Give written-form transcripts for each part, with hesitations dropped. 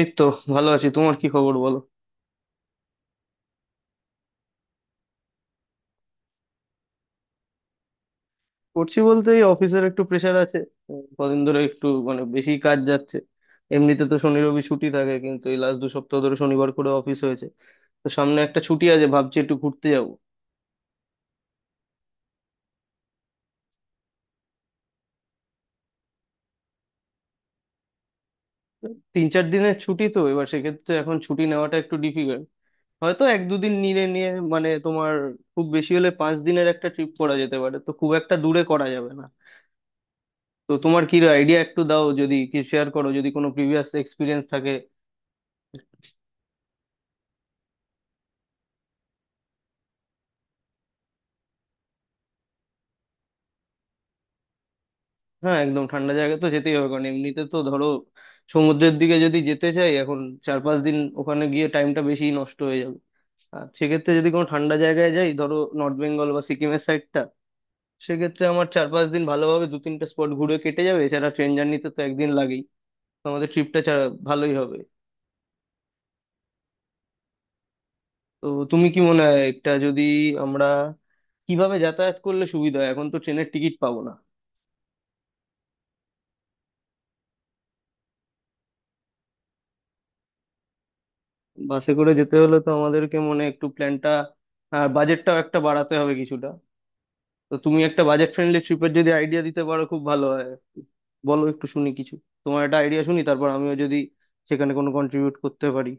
এই তো ভালো আছি। তোমার কি খবর বলো? করছি বলতে, এই অফিসের একটু প্রেশার আছে। কদিন ধরে একটু মানে বেশি কাজ যাচ্ছে। এমনিতে তো শনি রবি ছুটি থাকে, কিন্তু এই লাস্ট দু সপ্তাহ ধরে শনিবার করে অফিস হয়েছে। তো সামনে একটা ছুটি আছে, ভাবছি একটু ঘুরতে যাব। তিন চার দিনের ছুটি তো এবার, সেক্ষেত্রে এখন ছুটি নেওয়াটা একটু ডিফিকাল্ট। হয়তো এক দুদিন নিয়ে নিয়ে মানে তোমার খুব বেশি হলে পাঁচ দিনের একটা ট্রিপ করা যেতে পারে, তো খুব একটা দূরে করা যাবে না। তো তোমার কি আইডিয়া একটু দাও, যদি কি শেয়ার করো যদি কোনো প্রিভিয়াস এক্সপিরিয়েন্স থাকে। হ্যাঁ একদম ঠান্ডা জায়গা তো যেতেই হবে, কারণ এমনিতে তো ধরো সমুদ্রের দিকে যদি যেতে চাই এখন, চার পাঁচ দিন ওখানে গিয়ে টাইমটা বেশি নষ্ট হয়ে যাবে। আর সেক্ষেত্রে যদি কোনো ঠান্ডা জায়গায় যাই, ধরো নর্থ বেঙ্গল বা সিকিমের সাইডটা, সেক্ষেত্রে আমার চার পাঁচ দিন ভালোভাবে দু তিনটা স্পট ঘুরে কেটে যাবে। এছাড়া ট্রেন জার্নিতে তো একদিন লাগেই। তো আমাদের ট্রিপটা ভালোই হবে। তো তুমি কি মনে হয় এটা যদি আমরা কিভাবে যাতায়াত করলে সুবিধা হয়, এখন তো ট্রেনের টিকিট পাবো না। বাসে করে যেতে হলে তো আমাদেরকে মনে হয় একটু প্ল্যানটা আর বাজেটটাও একটা বাড়াতে হবে কিছুটা। তো তুমি একটা বাজেট ফ্রেন্ডলি ট্রিপের যদি আইডিয়া দিতে পারো খুব ভালো হয়। বলো একটু শুনি কিছু, তোমার একটা আইডিয়া শুনি, তারপর আমিও যদি সেখানে কোনো কন্ট্রিবিউট করতে পারি।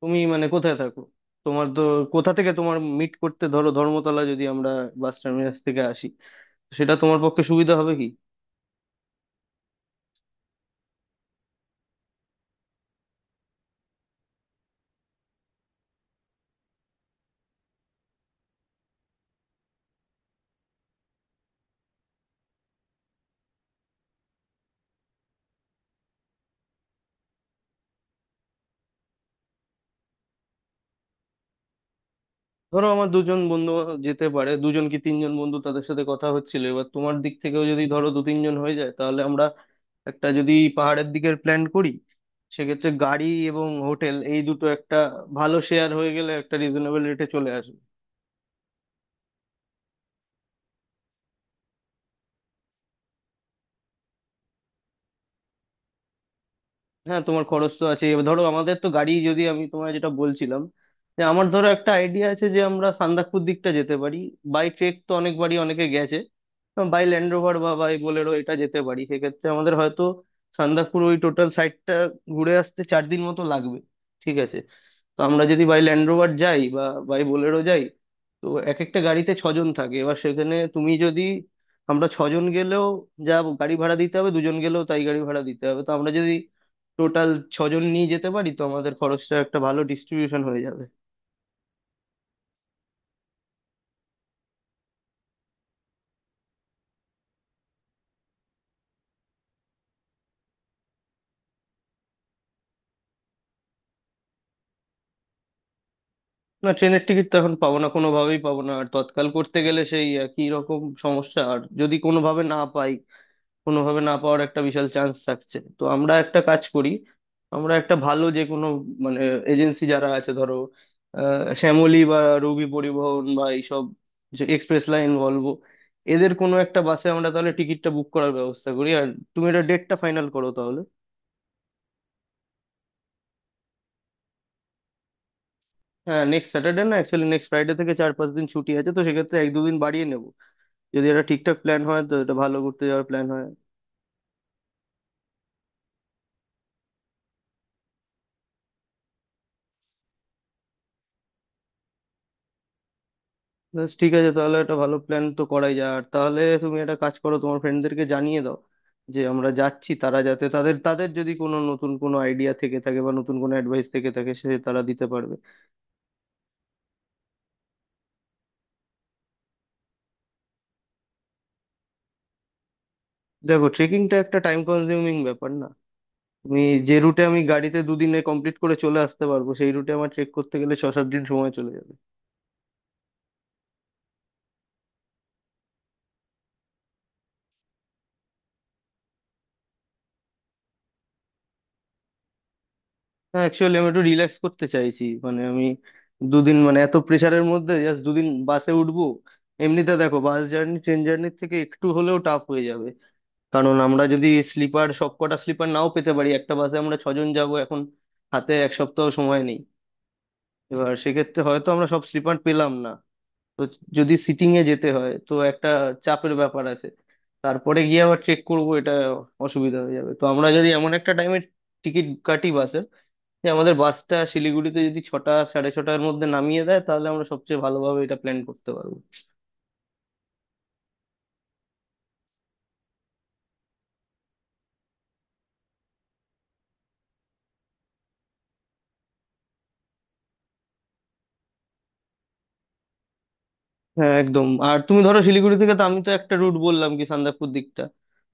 তুমি মানে কোথায় থাকো? তোমার তো কোথা থেকে তোমার মিট করতে, ধরো ধর্মতলা যদি আমরা বাস টার্মিনাস থেকে আসি, সেটা তোমার পক্ষে সুবিধা হবে কি? ধরো আমার দুজন বন্ধু যেতে পারে, দুজন কি তিনজন বন্ধু, তাদের সাথে কথা হচ্ছিল। এবার তোমার দিক থেকেও যদি ধরো দু তিনজন হয়ে যায়, তাহলে আমরা একটা যদি পাহাড়ের দিকের প্ল্যান করি, সেক্ষেত্রে গাড়ি এবং হোটেল এই দুটো একটা ভালো শেয়ার হয়ে গেলে একটা রিজনেবল রেটে চলে আসবে। হ্যাঁ তোমার খরচ তো আছে। এবার ধরো আমাদের তো গাড়ি, যদি আমি তোমায় যেটা বলছিলাম যে আমার ধরো একটা আইডিয়া আছে যে আমরা সান্দাকফু দিকটা যেতে পারি। বাই ট্রেক তো অনেকবারই অনেকে গেছে। বাই ল্যান্ড রোভার বা বাই বোলেরো এটা যেতে পারি। সেক্ষেত্রে আমাদের হয়তো সান্দাকফুর ওই টোটাল সাইটটা ঘুরে আসতে চার দিন মতো লাগবে। ঠিক আছে। তো আমরা যদি বাই ল্যান্ড রোভার যাই বা বাই বোলেরো যাই, তো এক একটা গাড়িতে ছজন থাকে। এবার সেখানে তুমি যদি, আমরা ছজন গেলেও যা গাড়ি ভাড়া দিতে হবে, দুজন গেলেও তাই গাড়ি ভাড়া দিতে হবে। তো আমরা যদি টোটাল ছজন নিয়ে যেতে পারি, তো আমাদের খরচটা একটা ভালো ডিস্ট্রিবিউশন হয়ে যাবে। না ট্রেনের টিকিট তো এখন পাবো না, কোনোভাবেই পাবো না। আর তৎকাল করতে গেলে সেই একই রকম সমস্যা। আর যদি কোনোভাবে না পাই, কোনোভাবে না পাওয়ার একটা বিশাল চান্স থাকছে, তো আমরা একটা কাজ করি। আমরা একটা ভালো যে কোনো মানে এজেন্সি যারা আছে, ধরো আহ শ্যামলী বা রবি পরিবহন বা এইসব যে এক্সপ্রেস লাইন ভলভো, এদের কোনো একটা বাসে আমরা তাহলে টিকিটটা বুক করার ব্যবস্থা করি। আর তুমি এটা ডেটটা ফাইনাল করো তাহলে। হ্যাঁ নেক্সট স্যাটারডে না, অ্যাকচুয়ালি নেক্সট ফ্রাইডে থেকে চার পাঁচ দিন ছুটি আছে, তো সেক্ষেত্রে এক দুদিন বাড়িয়ে নেব। যদি এটা ঠিকঠাক প্ল্যান হয় তো এটা ভালো ঘুরতে যাওয়ার প্ল্যান হয়। বেশ ঠিক আছে, তাহলে একটা ভালো প্ল্যান তো করাই যায়। আর তাহলে তুমি একটা কাজ করো, তোমার ফ্রেন্ডদেরকে জানিয়ে দাও যে আমরা যাচ্ছি, তারা যাতে তাদের তাদের যদি কোনো নতুন কোনো আইডিয়া থেকে থাকে বা নতুন কোনো অ্যাডভাইস থেকে থাকে সে তারা দিতে পারবে। দেখো ট্রেকিংটা একটা টাইম কনজিউমিং ব্যাপার না? তুমি যে রুটে আমি গাড়িতে দুদিনে কমপ্লিট করে চলে আসতে পারবো, সেই রুটে আমার ট্রেক করতে গেলে ছ সাত দিন সময় চলে যাবে। না অ্যাকচুয়ালি আমি একটু রিল্যাক্স করতে চাইছি, মানে আমি দুদিন মানে এত প্রেশারের মধ্যে জাস্ট দুদিন বাসে উঠবো। এমনিতে দেখো বাস জার্নি ট্রেন জার্নির থেকে একটু হলেও টাফ হয়ে যাবে, কারণ আমরা যদি স্লিপার সব কটা স্লিপার নাও পেতে পারি। একটা বাসে আমরা ছজন যাব এখন, হাতে এক সপ্তাহ সময় নেই। এবার সেক্ষেত্রে হয়তো আমরা সব স্লিপার পেলাম না, তো যদি সিটিং এ যেতে হয় তো একটা চাপের ব্যাপার আছে। তারপরে গিয়ে আবার চেক করব, এটা অসুবিধা হয়ে যাবে। তো আমরা যদি এমন একটা টাইমে টিকিট কাটি বাসের যে আমাদের বাসটা শিলিগুড়িতে যদি ছটা সাড়ে ছটার মধ্যে নামিয়ে দেয়, তাহলে আমরা সবচেয়ে ভালোভাবে এটা প্ল্যান করতে পারবো। হ্যাঁ একদম। আর তুমি ধরো শিলিগুড়ি থেকে, তো আমি তো একটা রুট বললাম কি সান্দাকফু দিকটা,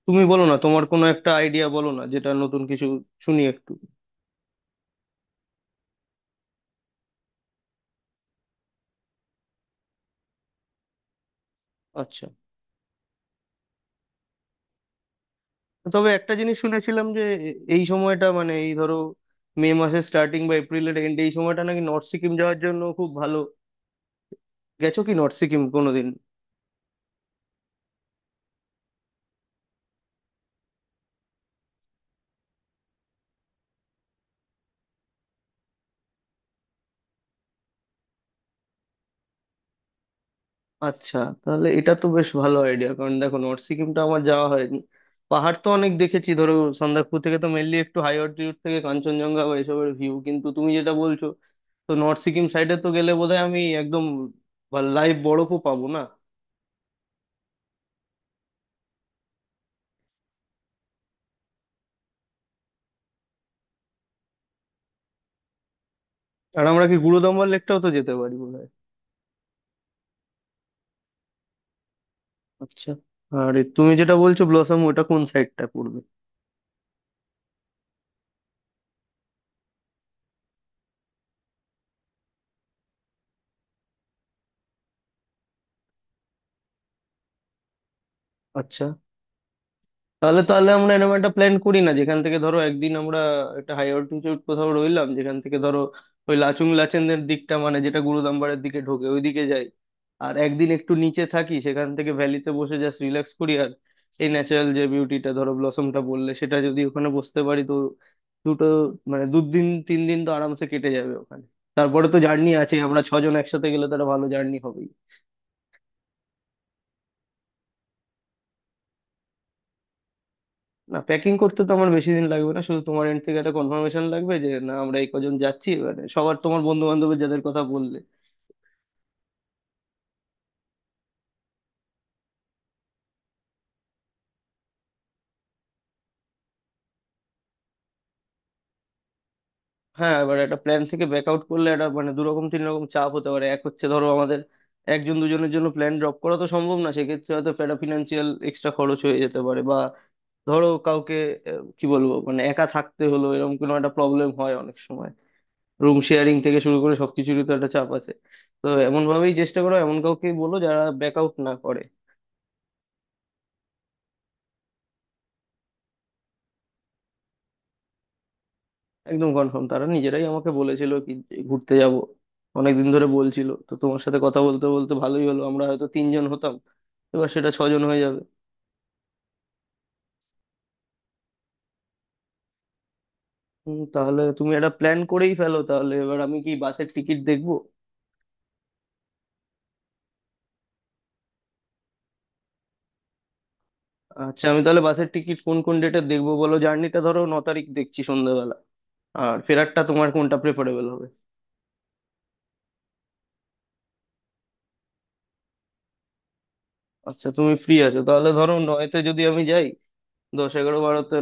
তুমি বলো না তোমার কোনো একটা আইডিয়া বলো না যেটা নতুন কিছু, শুনি একটু। আচ্ছা। তবে একটা জিনিস শুনেছিলাম যে এই সময়টা মানে এই ধরো মে মাসের স্টার্টিং বা এপ্রিলের এন্ড এই সময়টা নাকি নর্থ সিকিম যাওয়ার জন্য খুব ভালো। গেছো কি নর্থ সিকিম কোনোদিন? আচ্ছা তাহলে এটা তো বেশ ভালো আইডিয়া, কারণ দেখো নর্থ সিকিমটা আমার যাওয়া হয়নি। পাহাড় তো অনেক দেখেছি, ধরো সন্দাকফু থেকে তো মেনলি একটু হাই অল্টিটিউড থেকে কাঞ্চনজঙ্ঘা বা এসবের ভিউ, কিন্তু তুমি যেটা বলছো তো নর্থ সিকিম সাইডে তো গেলে বোধহয় আমি একদম লাইভ বরফও পাবো না। আর আমরা কি গুরুদম্বার লেকটাও তো যেতে পারি বোধহয়? আচ্ছা। আর এ তুমি যেটা বলছো ব্লসম, ওটা কোন সাইডটা পড়বে? আচ্ছা তাহলে তাহলে আমরা এরকম একটা প্ল্যান করি না, যেখান থেকে ধরো একদিন আমরা একটা হাই অল্টিটিউড কোথাও রইলাম, যেখান থেকে ধরো ওই লাচুং লাচেনের দিকটা মানে যেটা গুরুদাম্বারের দিকে ঢোকে ওইদিকে যাই। আর একদিন একটু নিচে থাকি, সেখান থেকে ভ্যালিতে বসে জাস্ট রিল্যাক্স করি। আর এই ন্যাচারাল যে বিউটিটা ধরো ব্লসমটা বললে সেটা যদি ওখানে বসতে পারি তো দুটো মানে দুদিন তিন দিন তো আরামসে কেটে যাবে ওখানে। তারপরে তো জার্নি আছে, আমরা ছজন একসাথে গেলে তো একটা ভালো জার্নি হবে। না প্যাকিং করতে তো আমার বেশি দিন লাগবে না, শুধু তোমার এন্ড থেকে একটা কনফার্মেশন লাগবে যে না আমরা এই কজন যাচ্ছি মানে সবার, তোমার বন্ধু বান্ধবের যাদের কথা বললে। হ্যাঁ এবার একটা প্ল্যান থেকে ব্যাক আউট করলে একটা মানে দু রকম তিন রকম চাপ হতে পারে। এক হচ্ছে ধরো আমাদের একজন দুজনের জন্য প্ল্যান ড্রপ করা তো সম্ভব না, সেক্ষেত্রে হয়তো একটা ফিনান্সিয়াল এক্সট্রা খরচ হয়ে যেতে পারে। বা ধরো কাউকে কি বলবো মানে একা থাকতে হলো এরকম কোনো একটা প্রবলেম হয় অনেক সময়। রুম শেয়ারিং থেকে শুরু করে সবকিছুরই তো একটা চাপ আছে। তো এমন ভাবেই চেষ্টা করো, এমন কাউকে বলো যারা ব্যাক আউট না করে। একদম কনফার্ম, তারা নিজেরাই আমাকে বলেছিল কি যে ঘুরতে যাব, অনেকদিন ধরে বলছিল। তো তোমার সাথে কথা বলতে বলতে ভালোই হলো, আমরা হয়তো তিনজন হতাম এবার সেটা ছজন হয়ে যাবে। তাহলে তুমি একটা প্ল্যান করেই ফেলো তাহলে এবার, আমি কি বাসের টিকিট দেখবো? আচ্ছা আমি তাহলে বাসের টিকিট কোন কোন ডেটে দেখবো বলো, জার্নিটা ধরো ন তারিখ দেখছি সন্ধ্যাবেলা। আর ফেরারটা তোমার কোনটা প্রেফারেবল হবে? আচ্ছা তুমি ফ্রি আছো তাহলে, ধরো নয়তে যদি আমি যাই, দশ এগারো বারোতে।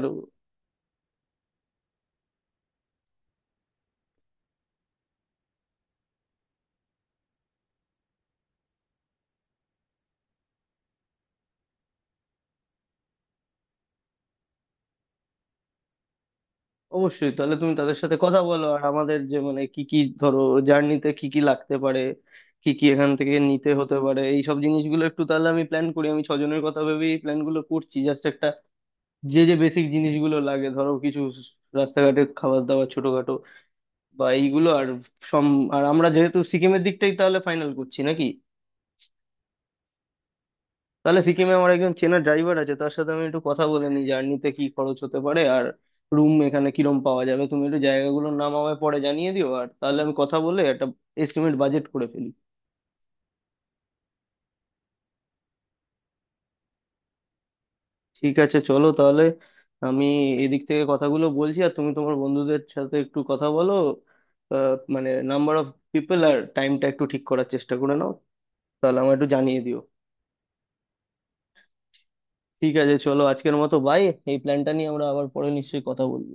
অবশ্যই তাহলে তুমি তাদের সাথে কথা বলো, আর আমাদের যে মানে কি কি ধরো জার্নিতে কি কি লাগতে পারে, কি কি এখান থেকে নিতে হতে পারে এই সব জিনিসগুলো একটু তাহলে আমি প্ল্যান করি। আমি ছজনের কথা ভেবেই প্ল্যান গুলো করছি জাস্ট একটা যে যে বেসিক জিনিসগুলো লাগে, ধরো কিছু রাস্তাঘাটে খাবার দাবার ছোটখাটো বা এইগুলো। আর সম আর আমরা যেহেতু সিকিমের দিকটাই তাহলে ফাইনাল করছি নাকি? তাহলে সিকিমে আমার একজন চেনা ড্রাইভার আছে, তার সাথে আমি একটু কথা বলে নিই জার্নিতে কি খরচ হতে পারে আর রুম এখানে কিরম পাওয়া যাবে। তুমি একটু জায়গাগুলোর নাম আমায় পরে জানিয়ে দিও, আর তাহলে আমি কথা বলে একটা এস্টিমেট বাজেট করে ফেলি। ঠিক আছে চলো তাহলে, আমি এদিক থেকে কথাগুলো বলছি আর তুমি তোমার বন্ধুদের সাথে একটু কথা বলো। মানে নাম্বার অফ পিপল আর টাইমটা একটু ঠিক করার চেষ্টা করে নাও, তাহলে আমায় একটু জানিয়ে দিও। ঠিক আছে চলো আজকের মতো বাই, এই প্ল্যানটা নিয়ে আমরা আবার পরে নিশ্চয়ই কথা বলবো।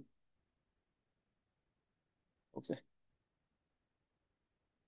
Okay।